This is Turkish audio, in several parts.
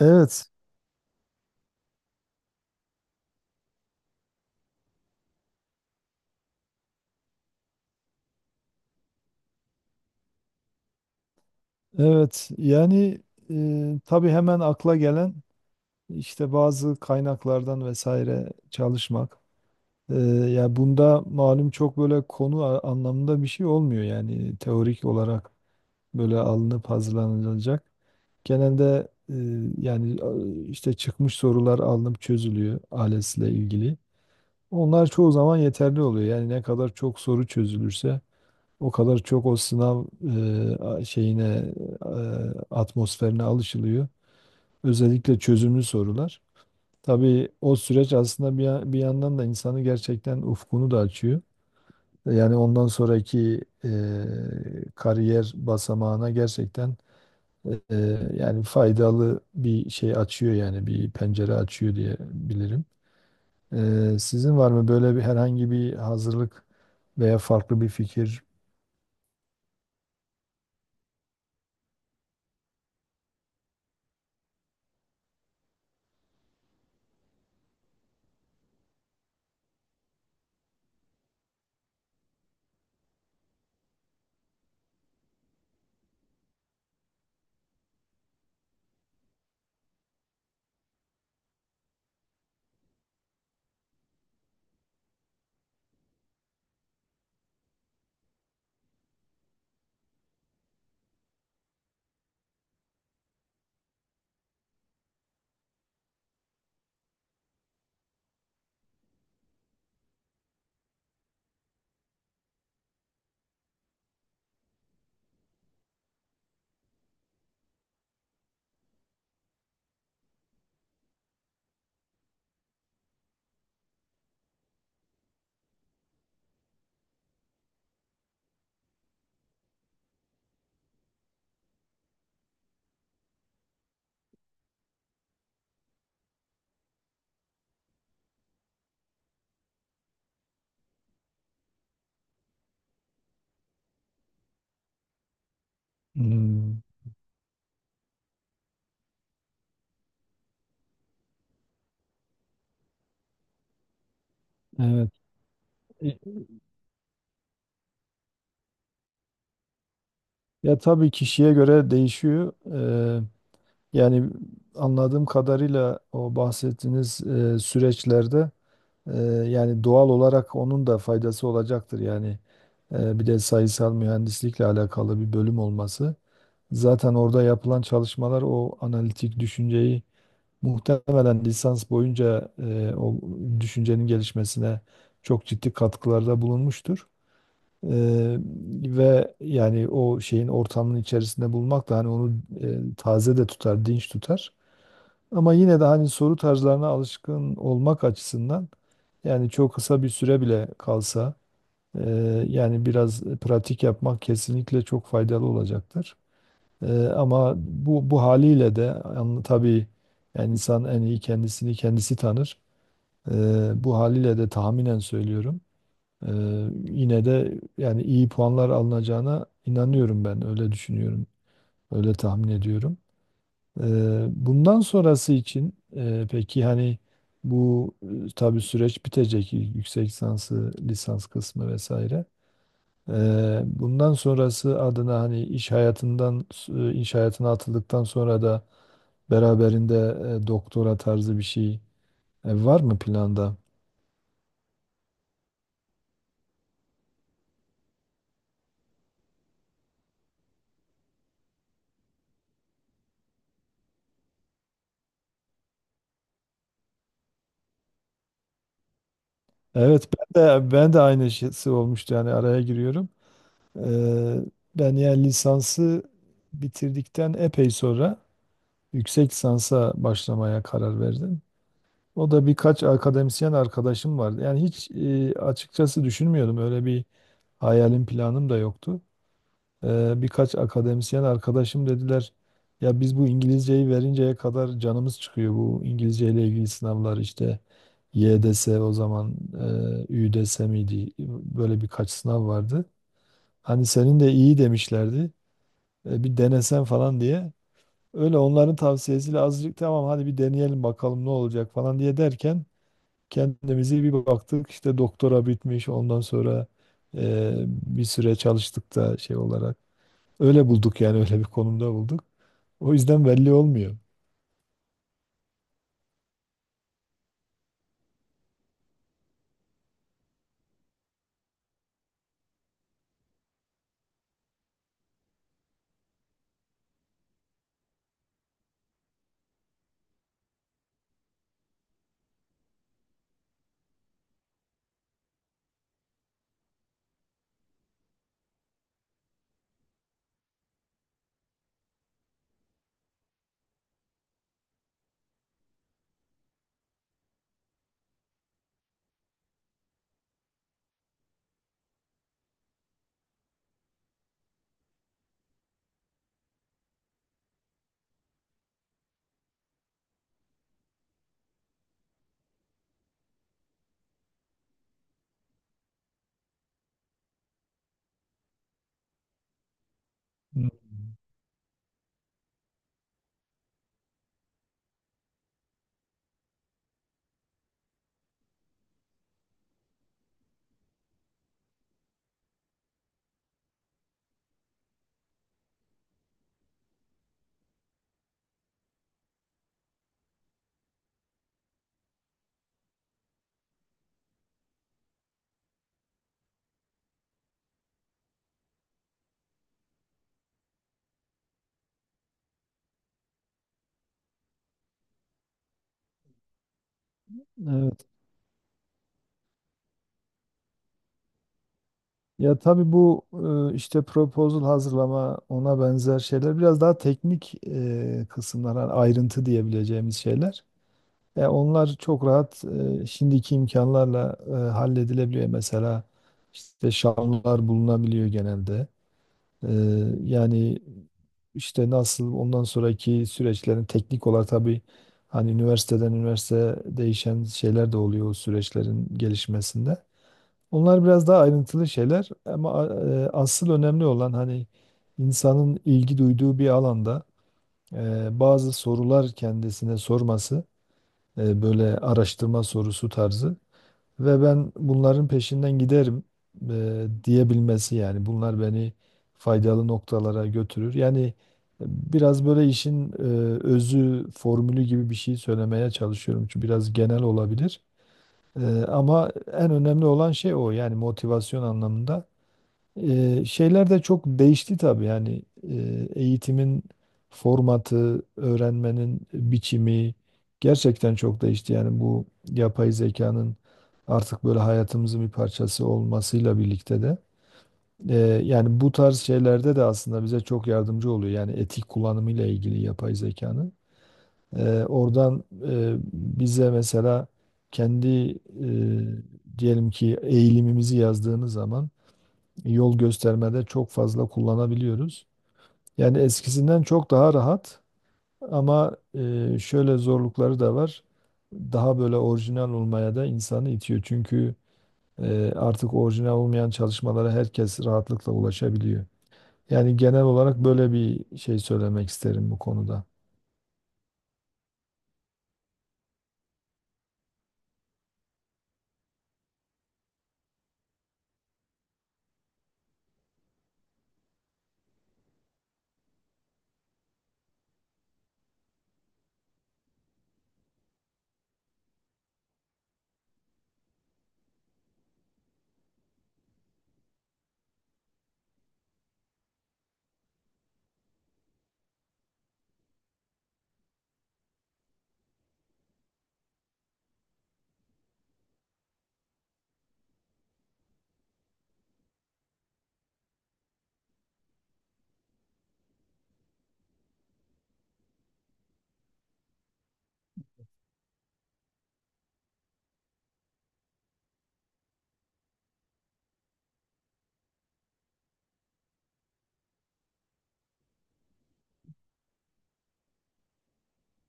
Evet, evet. Yani tabii hemen akla gelen işte bazı kaynaklardan vesaire çalışmak. E, Ya bunda malum çok böyle anlamında bir şey olmuyor, yani teorik olarak böyle alınıp hazırlanılacak. Genelde yani işte çıkmış sorular alınıp çözülüyor ALES'le ilgili. Onlar çoğu zaman yeterli oluyor. Yani ne kadar çok soru çözülürse o kadar çok o sınav şeyine, e, atmosferine alışılıyor. Özellikle çözümlü sorular. Tabii o süreç aslında bir, bir yandan da insanı gerçekten ufkunu da açıyor. Yani ondan sonraki kariyer basamağına gerçekten e, e, yani faydalı bir şey açıyor, yani bir pencere açıyor diye bilirim. Sizin var mı böyle bir herhangi bir hazırlık veya farklı bir fikir? Hmm, evet. Ya tabii kişiye göre değişiyor. Yani anladığım kadarıyla o bahsettiğiniz süreçlerde eee, yani doğal olarak onun da faydası olacaktır. Yani bir de sayısal mühendislikle alakalı bir bölüm olması. Zaten orada yapılan çalışmalar o analitik düşünceyi muhtemelen lisans boyunca o düşüncenin gelişmesine çok ciddi katkılarda bulunmuştur. Eee, Ve yani o şeyin ortamının içerisinde bulmak da hani onu taze de tutar, dinç tutar. Ama yine de hani soru tarzlarına alışkın olmak açısından, yani çok kısa bir süre bile kalsa, e, yani biraz pratik yapmak kesinlikle çok faydalı olacaktır. Ama bu haliyle de, yani tabii, yani insan en iyi kendisini kendisi tanır. Bu haliyle de tahminen söylüyorum. Ee, Yine de yani iyi puanlar alınacağına inanıyorum ben. Öyle düşünüyorum. Öyle tahmin ediyorum. Bundan sonrası için peki hani bu, tabii süreç bitecek, yüksek lisansı, lisans kısmı vesaire. Bundan sonrası adına hani iş hayatından, iş hayatına atıldıktan sonra da beraberinde doktora tarzı bir şey var mı planda? Evet, ben de aynısı olmuştu, yani araya giriyorum. Eee, Ben yani lisansı bitirdikten epey sonra yüksek lisansa başlamaya karar verdim. O da birkaç akademisyen arkadaşım vardı. Yani hiç, açıkçası düşünmüyordum. Öyle bir hayalim, planım da yoktu. Birkaç akademisyen arkadaşım dediler ya biz bu İngilizceyi verinceye kadar canımız çıkıyor, bu İngilizce ile ilgili sınavlar, işte YDS o zaman, ÜDS miydi, böyle birkaç sınav vardı. Hani senin de iyi demişlerdi. Bir denesen falan diye. Öyle onların tavsiyesiyle azıcık tamam hadi bir deneyelim bakalım ne olacak falan diye derken, kendimizi bir baktık işte doktora bitmiş, ondan sonra bir süre çalıştık da şey olarak. Öyle bulduk, yani öyle bir konumda bulduk. O yüzden belli olmuyor. Hmm. Evet. Ya tabii bu işte proposal hazırlama, ona benzer şeyler biraz daha teknik kısımlar, hani ayrıntı diyebileceğimiz şeyler. Onlar çok rahat, şimdiki imkanlarla halledilebiliyor. Mesela işte şamlar bulunabiliyor genelde. E, Yani işte nasıl ondan sonraki süreçlerin teknik olarak, tabii hani üniversiteden üniversiteye değişen şeyler de oluyor o süreçlerin gelişmesinde. Onlar biraz daha ayrıntılı şeyler, ama asıl önemli olan hani insanın ilgi duyduğu bir alanda bazı sorular kendisine sorması, böyle araştırma sorusu tarzı, ve ben bunların peşinden giderim diyebilmesi. Yani bunlar beni faydalı noktalara götürür. Yani biraz böyle işin özü, formülü gibi bir şey söylemeye çalışıyorum, çünkü biraz genel olabilir. Ama en önemli olan şey o, yani motivasyon anlamında. Şeyler de çok değişti tabii, yani eğitimin formatı, öğrenmenin biçimi gerçekten çok değişti. Yani bu yapay zekanın artık böyle hayatımızın bir parçası olmasıyla birlikte de, e, yani bu tarz şeylerde de aslında bize çok yardımcı oluyor. Yani etik kullanımıyla ilgili yapay zekanın. Oradan bize mesela kendi diyelim ki eğilimimizi yazdığınız zaman yol göstermede çok fazla kullanabiliyoruz. Yani eskisinden çok daha rahat, ama şöyle zorlukları da var. Daha böyle orijinal olmaya da insanı itiyor. Çünkü artık orijinal olmayan çalışmalara herkes rahatlıkla ulaşabiliyor. Yani genel olarak böyle bir şey söylemek isterim bu konuda.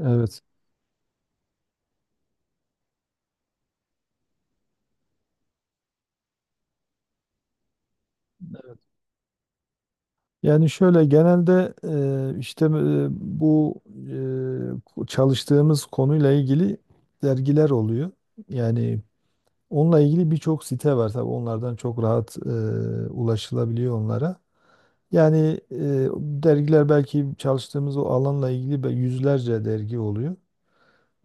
Evet. Yani şöyle genelde işte bu çalıştığımız konuyla ilgili dergiler oluyor. Yani onunla ilgili birçok site var, tabii onlardan çok rahat ulaşılabiliyor onlara. Yani dergiler, belki çalıştığımız o alanla ilgili yüzlerce dergi oluyor.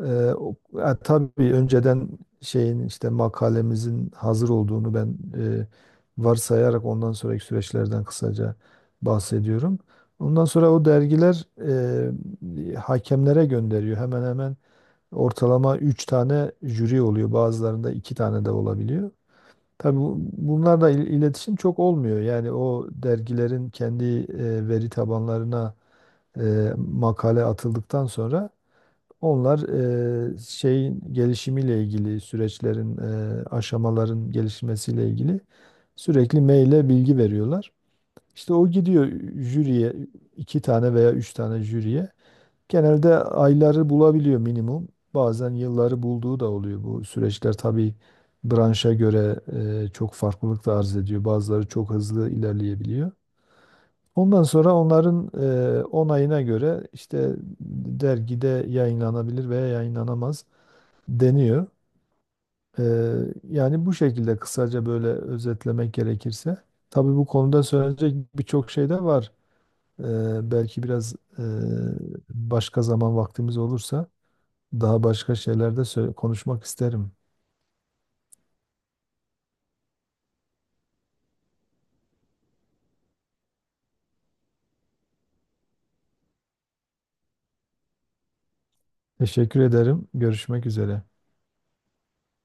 E, tabii önceden şeyin, işte makalemizin hazır olduğunu ben varsayarak ondan sonraki süreçlerden kısaca bahsediyorum. Ondan sonra o dergiler hakemlere gönderiyor. Hemen hemen ortalama 3 tane jüri oluyor. Bazılarında 2 tane de olabiliyor. Tabii bunlarla iletişim çok olmuyor. Yani o dergilerin kendi veri tabanlarına makale atıldıktan sonra, onlar şeyin gelişimiyle ilgili süreçlerin, aşamaların gelişmesiyle ilgili sürekli maille bilgi veriyorlar. İşte o gidiyor jüriye, 2 tane veya 3 tane jüriye. Genelde ayları bulabiliyor minimum. Bazen yılları bulduğu da oluyor. Bu süreçler tabii branşa göre çok farklılık da arz ediyor. Bazıları çok hızlı ilerleyebiliyor. Ondan sonra onların onayına göre işte dergide yayınlanabilir veya yayınlanamaz deniyor. E, Yani bu şekilde kısaca böyle özetlemek gerekirse. Tabii bu konuda söylenecek birçok şey de var. Belki biraz başka zaman vaktimiz olursa daha başka şeylerde söyle, konuşmak isterim. Teşekkür ederim. Görüşmek üzere.